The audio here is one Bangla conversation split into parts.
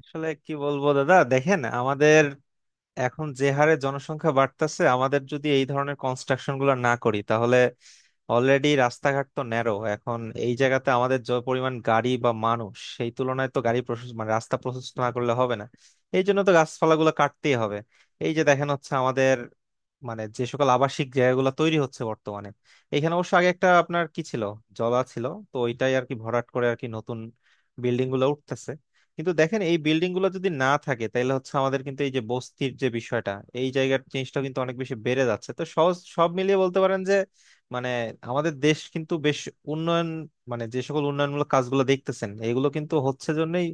আসলে কি বলবো দাদা দেখেন আমাদের এখন যে হারে জনসংখ্যা বাড়তেছে আমাদের যদি এই ধরনের কনস্ট্রাকশন গুলো না করি তাহলে অলরেডি রাস্তাঘাট তো ন্যারো এখন এই জায়গাতে আমাদের যে পরিমাণ গাড়ি বা মানুষ সেই তুলনায় তো গাড়ি প্রশস্ত মানে রাস্তা প্রশস্ত না করলে হবে না। এই জন্য তো গাছপালাগুলো কাটতেই হবে। এই যে দেখেন হচ্ছে আমাদের মানে যে সকল আবাসিক জায়গাগুলো তৈরি হচ্ছে বর্তমানে, এখানে অবশ্য আগে একটা আপনার কি ছিল, জলা ছিল। তো ওইটাই আর কি ভরাট করে আর কি নতুন বিল্ডিং গুলো উঠতেছে। কিন্তু দেখেন এই বিল্ডিং গুলো যদি না থাকে তাহলে হচ্ছে আমাদের কিন্তু এই যে বস্তির যে বিষয়টা এই জায়গার জিনিসটা কিন্তু অনেক বেশি বেড়ে যাচ্ছে। তো সহজ সব মিলিয়ে বলতে পারেন যে মানে আমাদের দেশ কিন্তু বেশ উন্নয়ন মানে যে সকল উন্নয়নমূলক কাজগুলো দেখতেছেন এগুলো কিন্তু হচ্ছে জন্যই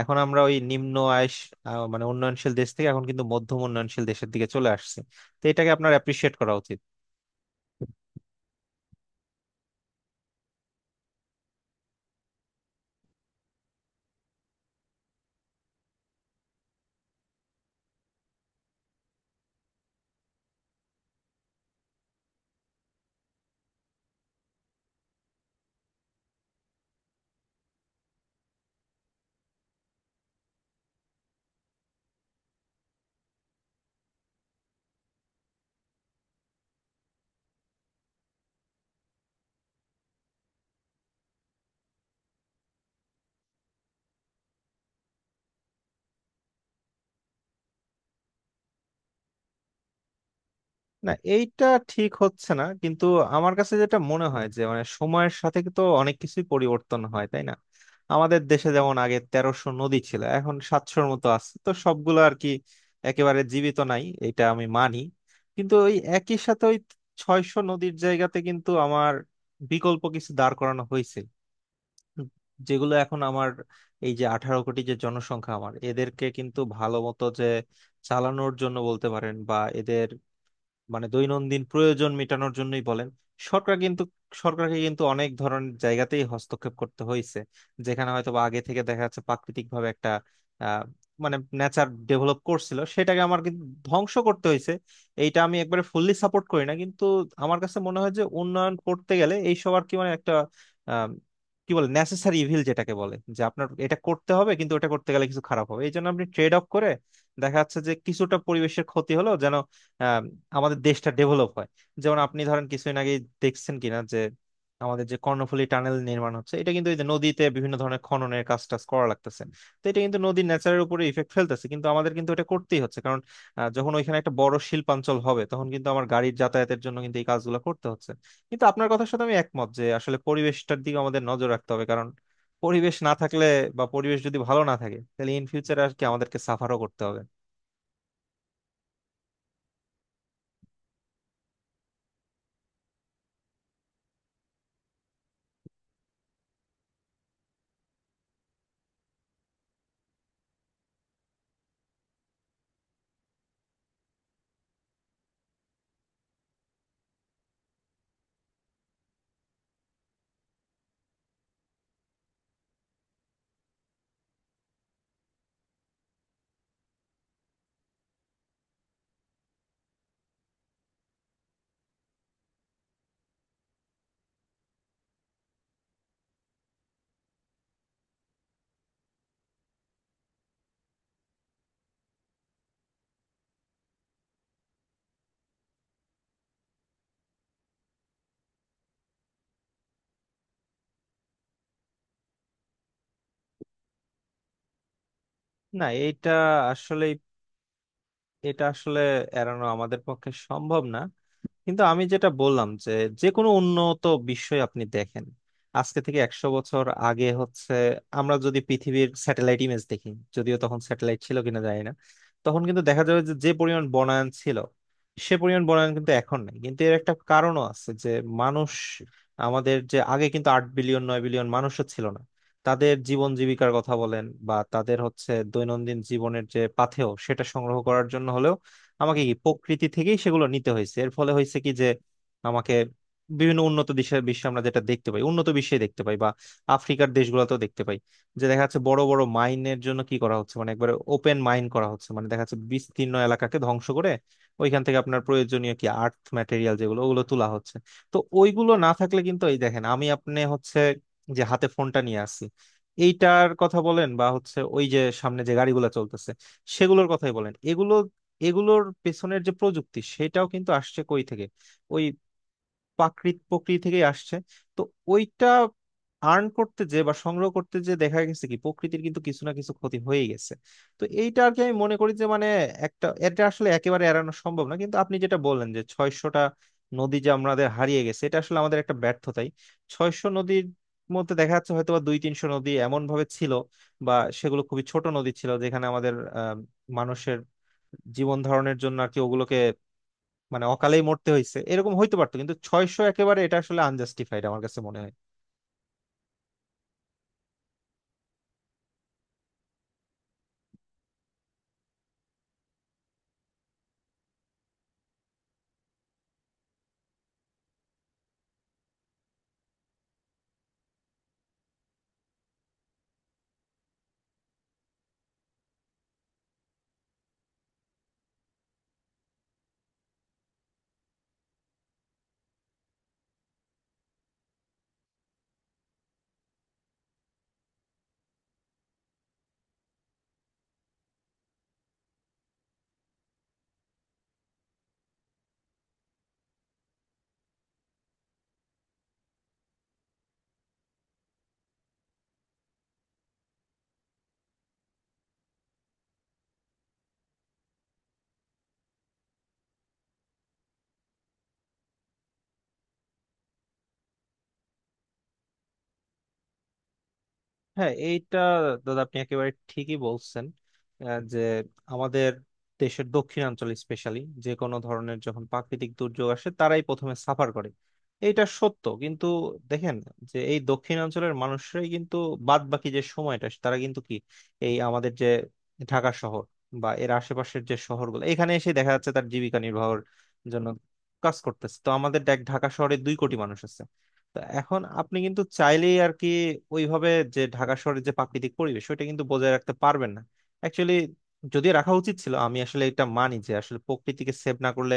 এখন আমরা ওই নিম্ন আয়েস মানে উন্নয়নশীল দেশ থেকে এখন কিন্তু মধ্যম উন্নয়নশীল দেশের দিকে চলে আসছে। তো এটাকে আপনার অ্যাপ্রিসিয়েট করা উচিত। না এইটা ঠিক হচ্ছে না, কিন্তু আমার কাছে যেটা মনে হয় যে মানে সময়ের সাথে তো অনেক কিছুই পরিবর্তন হয়, তাই না? আমাদের দেশে যেমন আগে 1300 নদী ছিল এখন 700-এর মতো আছে। তো সবগুলো আর কি একেবারে জীবিত নাই এটা আমি মানি, কিন্তু ওই একই সাথে ওই 600 নদীর জায়গাতে কিন্তু আমার বিকল্প কিছু দাঁড় করানো হয়েছে। হুম। যেগুলো এখন আমার এই যে 18 কোটি যে জনসংখ্যা আমার এদেরকে কিন্তু ভালো মতো যে চালানোর জন্য বলতে পারেন বা এদের মানে দৈনন্দিন প্রয়োজন মেটানোর জন্যই বলেন সরকার কিন্তু সরকারকে কিন্তু অনেক ধরনের জায়গাতেই হস্তক্ষেপ করতে হয়েছে। যেখানে হয়তো বা আগে থেকে দেখা যাচ্ছে প্রাকৃতিক ভাবে একটা আহ মানে নেচার ডেভেলপ করছিল সেটাকে আমার কিন্তু ধ্বংস করতে হয়েছে। এইটা আমি একবারে ফুললি সাপোর্ট করি না, কিন্তু আমার কাছে মনে হয় যে উন্নয়ন করতে গেলে এই সবার কি মানে একটা আহ, কি বলে নেসেসারি ইভিল যেটাকে বলে যে আপনার এটা করতে হবে কিন্তু ওটা করতে গেলে কিছু খারাপ হবে এই জন্য আপনি ট্রেড অফ করে দেখা যাচ্ছে যে কিছুটা পরিবেশের ক্ষতি হলো যেন আমাদের দেশটা ডেভেলপ হয়। যেমন আপনি ধরেন কিছুদিন আগে দেখছেন কিনা যে আমাদের যে কর্ণফুলী টানেল নির্মাণ হচ্ছে, এটা কিন্তু এই যে নদীতে বিভিন্ন ধরনের খননের কাজ টাজ করা লাগতেছে। তো এটা কিন্তু নদীর ন্যাচারের উপরে ইফেক্ট ফেলতেছে কিন্তু আমাদের কিন্তু এটা করতেই হচ্ছে কারণ যখন ওইখানে একটা বড় শিল্পাঞ্চল হবে তখন কিন্তু আমার গাড়ির যাতায়াতের জন্য কিন্তু এই কাজগুলো করতে হচ্ছে। কিন্তু আপনার কথার সাথে আমি একমত যে আসলে পরিবেশটার দিকে আমাদের নজর রাখতে হবে কারণ পরিবেশ না থাকলে বা পরিবেশ যদি ভালো না থাকে তাহলে ইন ফিউচার আর কি আমাদেরকে সাফারও করতে হবে। না আসলে এটা আসলে এড়ানো আমাদের পক্ষে সম্ভব না, কিন্তু আমি যেটা বললাম যে যে কোনো উন্নত বিশ্বই আপনি দেখেন আজকে থেকে 100 বছর আগে হচ্ছে আমরা যদি পৃথিবীর স্যাটেলাইট ইমেজ দেখি, যদিও তখন স্যাটেলাইট ছিল কিনা জানি না, তখন কিন্তু দেখা যাবে যে যে পরিমাণ বনায়ন ছিল সে পরিমাণ বনায়ন কিন্তু এখন নেই। কিন্তু এর একটা কারণও আছে যে মানুষ আমাদের যে আগে কিন্তু 8 বিলিয়ন 9 বিলিয়ন মানুষও ছিল না, তাদের জীবন জীবিকার কথা বলেন বা তাদের হচ্ছে দৈনন্দিন জীবনের যে পাথেয় সেটা সংগ্রহ করার জন্য হলেও আমাকে কি প্রকৃতি থেকেই সেগুলো নিতে হয়েছে। এর ফলে হয়েছে কি যে আমাকে বিভিন্ন উন্নত দেশের বিশ্বে আমরা যেটা দেখতে পাই উন্নত বিশ্বে দেখতে পাই বা আফ্রিকার দেশগুলোতেও দেখতে পাই যে দেখা যাচ্ছে বড় বড় মাইনের জন্য কি করা হচ্ছে, মানে একবারে ওপেন মাইন করা হচ্ছে, মানে দেখা যাচ্ছে বিস্তীর্ণ এলাকাকে ধ্বংস করে ওইখান থেকে আপনার প্রয়োজনীয় কি আর্থ ম্যাটেরিয়াল যেগুলো ওগুলো তোলা হচ্ছে। তো ওইগুলো না থাকলে কিন্তু এই দেখেন আমি আপনি হচ্ছে যে হাতে ফোনটা নিয়ে আসি এইটার কথা বলেন বা হচ্ছে ওই যে সামনে যে গাড়িগুলো চলতেছে সেগুলোর কথাই বলেন, এগুলো এগুলোর পেছনের যে প্রযুক্তি সেটাও কিন্তু আসছে কই থেকে? ওই প্রকৃতি থেকেই আসছে। তো ওইটা আর্ন করতে যে বা সংগ্রহ করতে যে দেখা গেছে কি প্রকৃতির কিন্তু কিছু না কিছু ক্ষতি হয়ে গেছে। তো এইটা আর কি আমি মনে করি যে মানে একটা এটা আসলে একেবারে এড়ানো সম্ভব না, কিন্তু আপনি যেটা বললেন যে 600টা নদী যে আমাদের হারিয়ে গেছে এটা আসলে আমাদের একটা ব্যর্থতাই। 600 নদীর মধ্যে দেখা যাচ্ছে হয়তো বা 2-300 নদী এমন ভাবে ছিল বা সেগুলো খুবই ছোট নদী ছিল যেখানে আমাদের আহ, মানুষের জীবন ধারণের জন্য আর কি ওগুলোকে মানে অকালেই মরতে হয়েছে এরকম হইতে পারতো, কিন্তু 600 একেবারে এটা আসলে আনজাস্টিফাইড আমার কাছে মনে হয়। হ্যাঁ এইটা দাদা আপনি একেবারে ঠিকই বলছেন। যে আমাদের দেশের দক্ষিণাঞ্চল স্পেশালি যে কোনো ধরনের যখন প্রাকৃতিক দুর্যোগ আসে তারাই প্রথমে সাফার করে। এইটা সত্য, কিন্তু দেখেন যে এই দক্ষিণাঞ্চলের মানুষরাই কিন্তু বাদ বাকি যে সময়টা তারা কিন্তু কি এই আমাদের যে ঢাকা শহর বা এর আশেপাশের যে শহরগুলো এখানে এসে দেখা যাচ্ছে তার জীবিকা নির্বাহের জন্য কাজ করতেছে। তো আমাদের দেখ ঢাকা শহরে 2 কোটি মানুষ আছে। তা এখন আপনি কিন্তু চাইলেই আর কি ওইভাবে যে ঢাকা শহরের যে প্রাকৃতিক পরিবেশ ওইটা কিন্তু বজায় রাখতে পারবেন না। অ্যাকচুয়ালি যদি রাখা উচিত ছিল আমি আসলে এটা মানি যে আসলে প্রকৃতিকে সেভ না করলে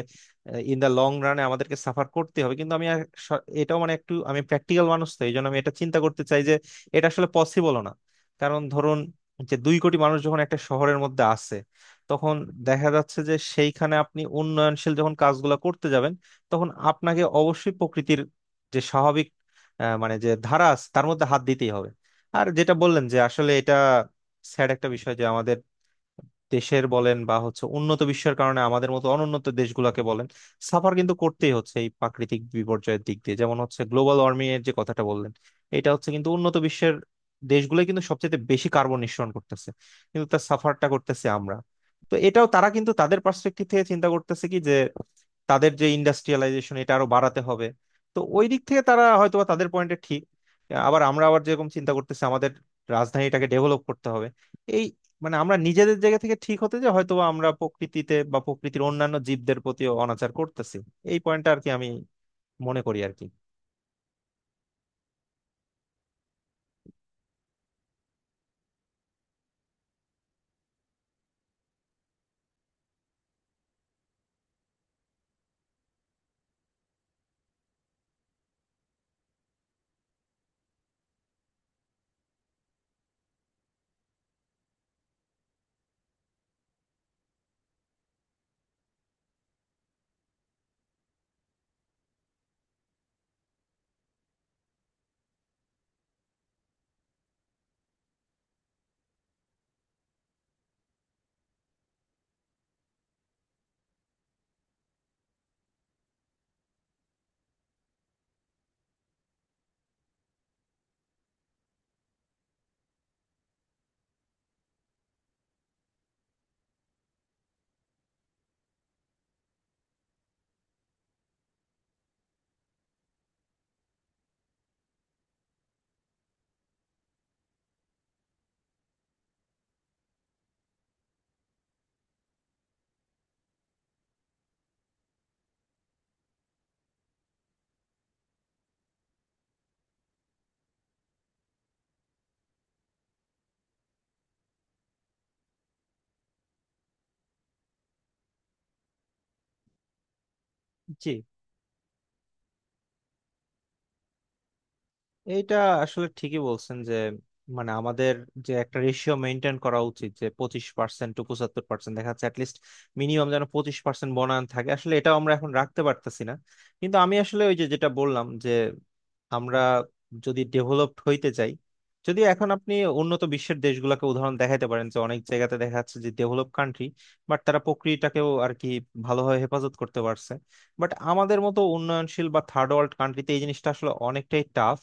ইন দা লং রানে আমাদেরকে সাফার করতে হবে, কিন্তু আমি আর এটাও মানে একটু আমি প্র্যাকটিক্যাল মানুষ তো এই জন্য আমি এটা চিন্তা করতে চাই যে এটা আসলে পসিবলও না। কারণ ধরুন যে 2 কোটি মানুষ যখন একটা শহরের মধ্যে আছে তখন দেখা যাচ্ছে যে সেইখানে আপনি উন্নয়নশীল যখন কাজগুলো করতে যাবেন তখন আপনাকে অবশ্যই প্রকৃতির যে স্বাভাবিক মানে যে ধারা আছে তার মধ্যে হাত দিতেই হবে। আর যেটা বললেন যে আসলে এটা স্যাড একটা বিষয় যে আমাদের দেশের বলেন বা হচ্ছে উন্নত বিশ্বের কারণে আমাদের মতো অনুন্নত দেশগুলোকে বলেন সাফার কিন্তু করতেই হচ্ছে এই প্রাকৃতিক বিপর্যয়ের দিক দিয়ে। যেমন হচ্ছে গ্লোবাল ওয়ার্মিং এর যে কথাটা বললেন, এটা হচ্ছে কিন্তু উন্নত বিশ্বের দেশগুলো কিন্তু সবচেয়ে বেশি কার্বন নিঃসরণ করতেছে কিন্তু তার সাফারটা করতেছে আমরা। তো এটাও তারা কিন্তু তাদের পার্সপেক্টিভ থেকে চিন্তা করতেছে কি যে তাদের যে ইন্ডাস্ট্রিয়ালাইজেশন এটা আরো বাড়াতে হবে। তো ওই দিক থেকে তারা হয়তো বা তাদের পয়েন্টে ঠিক। আবার আমরা আবার যেরকম চিন্তা করতেছি আমাদের রাজধানীটাকে ডেভেলপ করতে হবে এই মানে আমরা নিজেদের জায়গা থেকে ঠিক হতে যে হয়তো আমরা প্রকৃতিতে বা প্রকৃতির অন্যান্য জীবদের প্রতিও অনাচার করতেছি। এই পয়েন্টটা আর কি আমি মনে করি আর কি। জি। এইটা আসলে ঠিকই বলছেন যে মানে আমাদের যে একটা রেশিও মেনটেন করা উচিত যে 25% টু 75% দেখা যাচ্ছে অ্যাটলিস্ট মিনিমাম যেন 25% বনায়ন থাকে, আসলে এটাও আমরা এখন রাখতে পারতেছি না। কিন্তু আমি আসলে ওই যে যেটা বললাম যে আমরা যদি ডেভেলপড হইতে চাই, যদিও এখন আপনি উন্নত বিশ্বের দেশগুলোকে উদাহরণ দেখাইতে পারেন যে অনেক জায়গাতে দেখা যাচ্ছে যে ডেভেলপ কান্ট্রি বাট তারা প্রকৃতিটাকেও আর কি ভালোভাবে হেফাজত করতে পারছে। বাট আমাদের মতো উন্নয়নশীল বা থার্ড ওয়ার্ল্ড কান্ট্রিতে এই জিনিসটা আসলে অনেকটাই টাফ।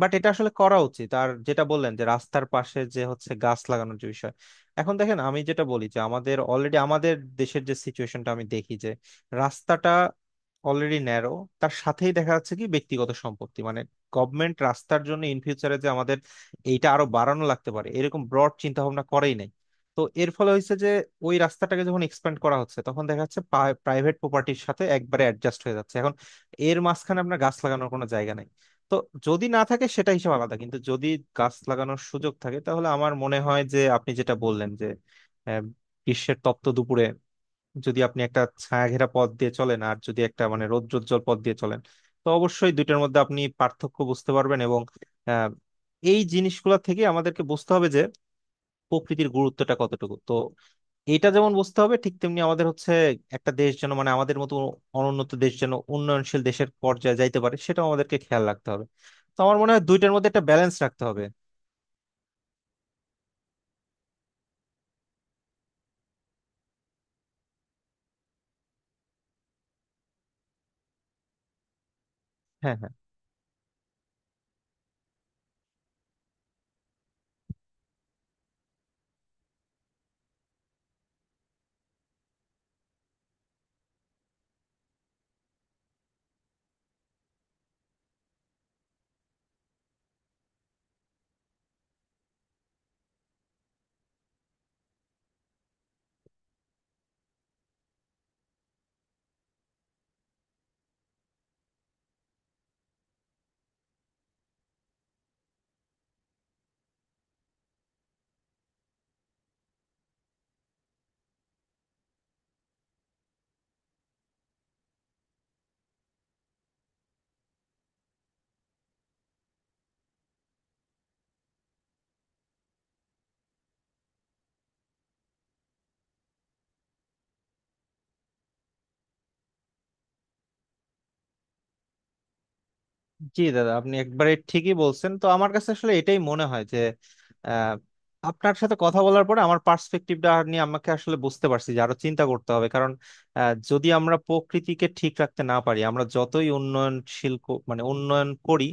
বাট এটা আসলে করা উচিত। আর যেটা বললেন যে রাস্তার পাশে যে হচ্ছে গাছ লাগানোর যে বিষয়, এখন দেখেন আমি যেটা বলি যে আমাদের অলরেডি আমাদের দেশের যে সিচুয়েশনটা আমি দেখি যে রাস্তাটা অলরেডি ন্যারো। তার সাথেই দেখা যাচ্ছে কি ব্যক্তিগত সম্পত্তি মানে গভর্নমেন্ট রাস্তার জন্য ইন ফিউচারে যে আমাদের এইটা আরো বাড়ানো লাগতে পারে এরকম ব্রড চিন্তা ভাবনা করেই নাই। তো এর ফলে হয়েছে যে ওই রাস্তাটাকে যখন এক্সপ্যান্ড করা হচ্ছে তখন দেখা যাচ্ছে প্রাইভেট প্রপার্টির সাথে একবারে অ্যাডজাস্ট হয়ে যাচ্ছে এখন। এর মাঝখানে আপনার গাছ লাগানোর কোনো জায়গা নাই। তো যদি না থাকে সেটা হিসাব আলাদা, কিন্তু যদি গাছ লাগানোর সুযোগ থাকে তাহলে আমার মনে হয় যে আপনি যেটা বললেন যে আহ, গ্রীষ্মের তপ্ত দুপুরে যদি আপনি একটা ছায়া ঘেরা পথ দিয়ে চলেন আর যদি একটা মানে রৌদ্রোজ্জ্বল পথ দিয়ে চলেন, তো অবশ্যই দুইটার মধ্যে আপনি পার্থক্য বুঝতে পারবেন। এবং আহ, এই জিনিসগুলা থেকে আমাদেরকে বুঝতে হবে যে প্রকৃতির গুরুত্বটা কতটুকু। তো এটা যেমন বুঝতে হবে ঠিক তেমনি আমাদের হচ্ছে একটা দেশ যেন মানে আমাদের মতো অনুন্নত দেশ যেন উন্নয়নশীল দেশের পর্যায়ে যাইতে পারে সেটাও আমাদেরকে খেয়াল রাখতে হবে। তো আমার মনে হয় দুইটার মধ্যে একটা ব্যালেন্স রাখতে হবে। হ্যাঁ, হ্যাঁ। জি দাদা আপনি একবারে ঠিকই বলছেন। তো আমার কাছে আসলে এটাই মনে হয় যে আহ, আপনার সাথে কথা বলার পরে আমার পার্সপেক্টিভটা নিয়ে আমাকে আসলে বুঝতে পারছি যে আরো চিন্তা করতে হবে কারণ যদি আমরা প্রকৃতিকে ঠিক রাখতে না পারি আমরা যতই উন্নয়নশীল মানে উন্নয়ন করি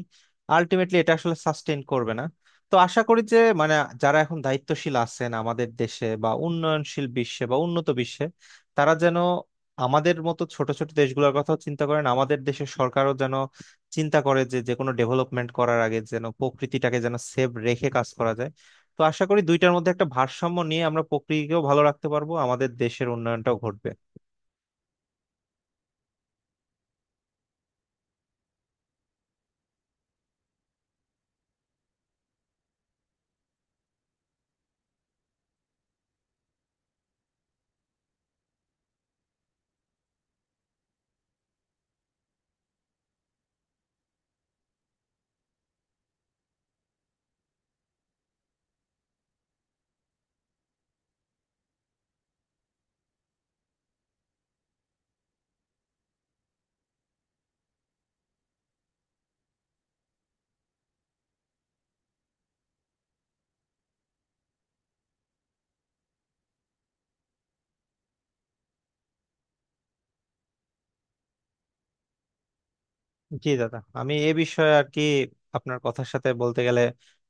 আলটিমেটলি এটা আসলে সাস্টেইন করবে না। তো আশা করি যে মানে যারা এখন দায়িত্বশীল আছেন আমাদের দেশে বা উন্নয়নশীল বিশ্বে বা উন্নত বিশ্বে তারা যেন আমাদের মতো ছোট ছোট দেশগুলোর কথাও চিন্তা করেন। আমাদের দেশের সরকারও যেন চিন্তা করে যে যে কোনো ডেভেলপমেন্ট করার আগে যেন প্রকৃতিটাকে যেন সেভ রেখে কাজ করা যায়। তো আশা করি দুইটার মধ্যে একটা ভারসাম্য নিয়ে আমরা প্রকৃতিকেও ভালো রাখতে পারবো, আমাদের দেশের উন্নয়নটাও ঘটবে। জি দাদা আমি এ বিষয়ে আর কি আপনার কথার সাথে বলতে গেলে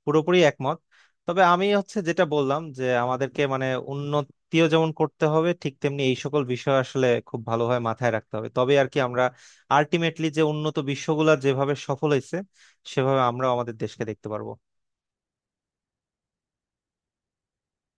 পুরোপুরি একমত। তবে আমি হচ্ছে যেটা বললাম যে আমাদেরকে মানে উন্নতিও যেমন করতে হবে ঠিক তেমনি এই সকল বিষয় আসলে খুব ভালোভাবে মাথায় রাখতে হবে তবে আর কি আমরা আলটিমেটলি যে উন্নত বিশ্বগুলা যেভাবে সফল হয়েছে সেভাবে আমরা আমাদের দেশকে দেখতে পারবো।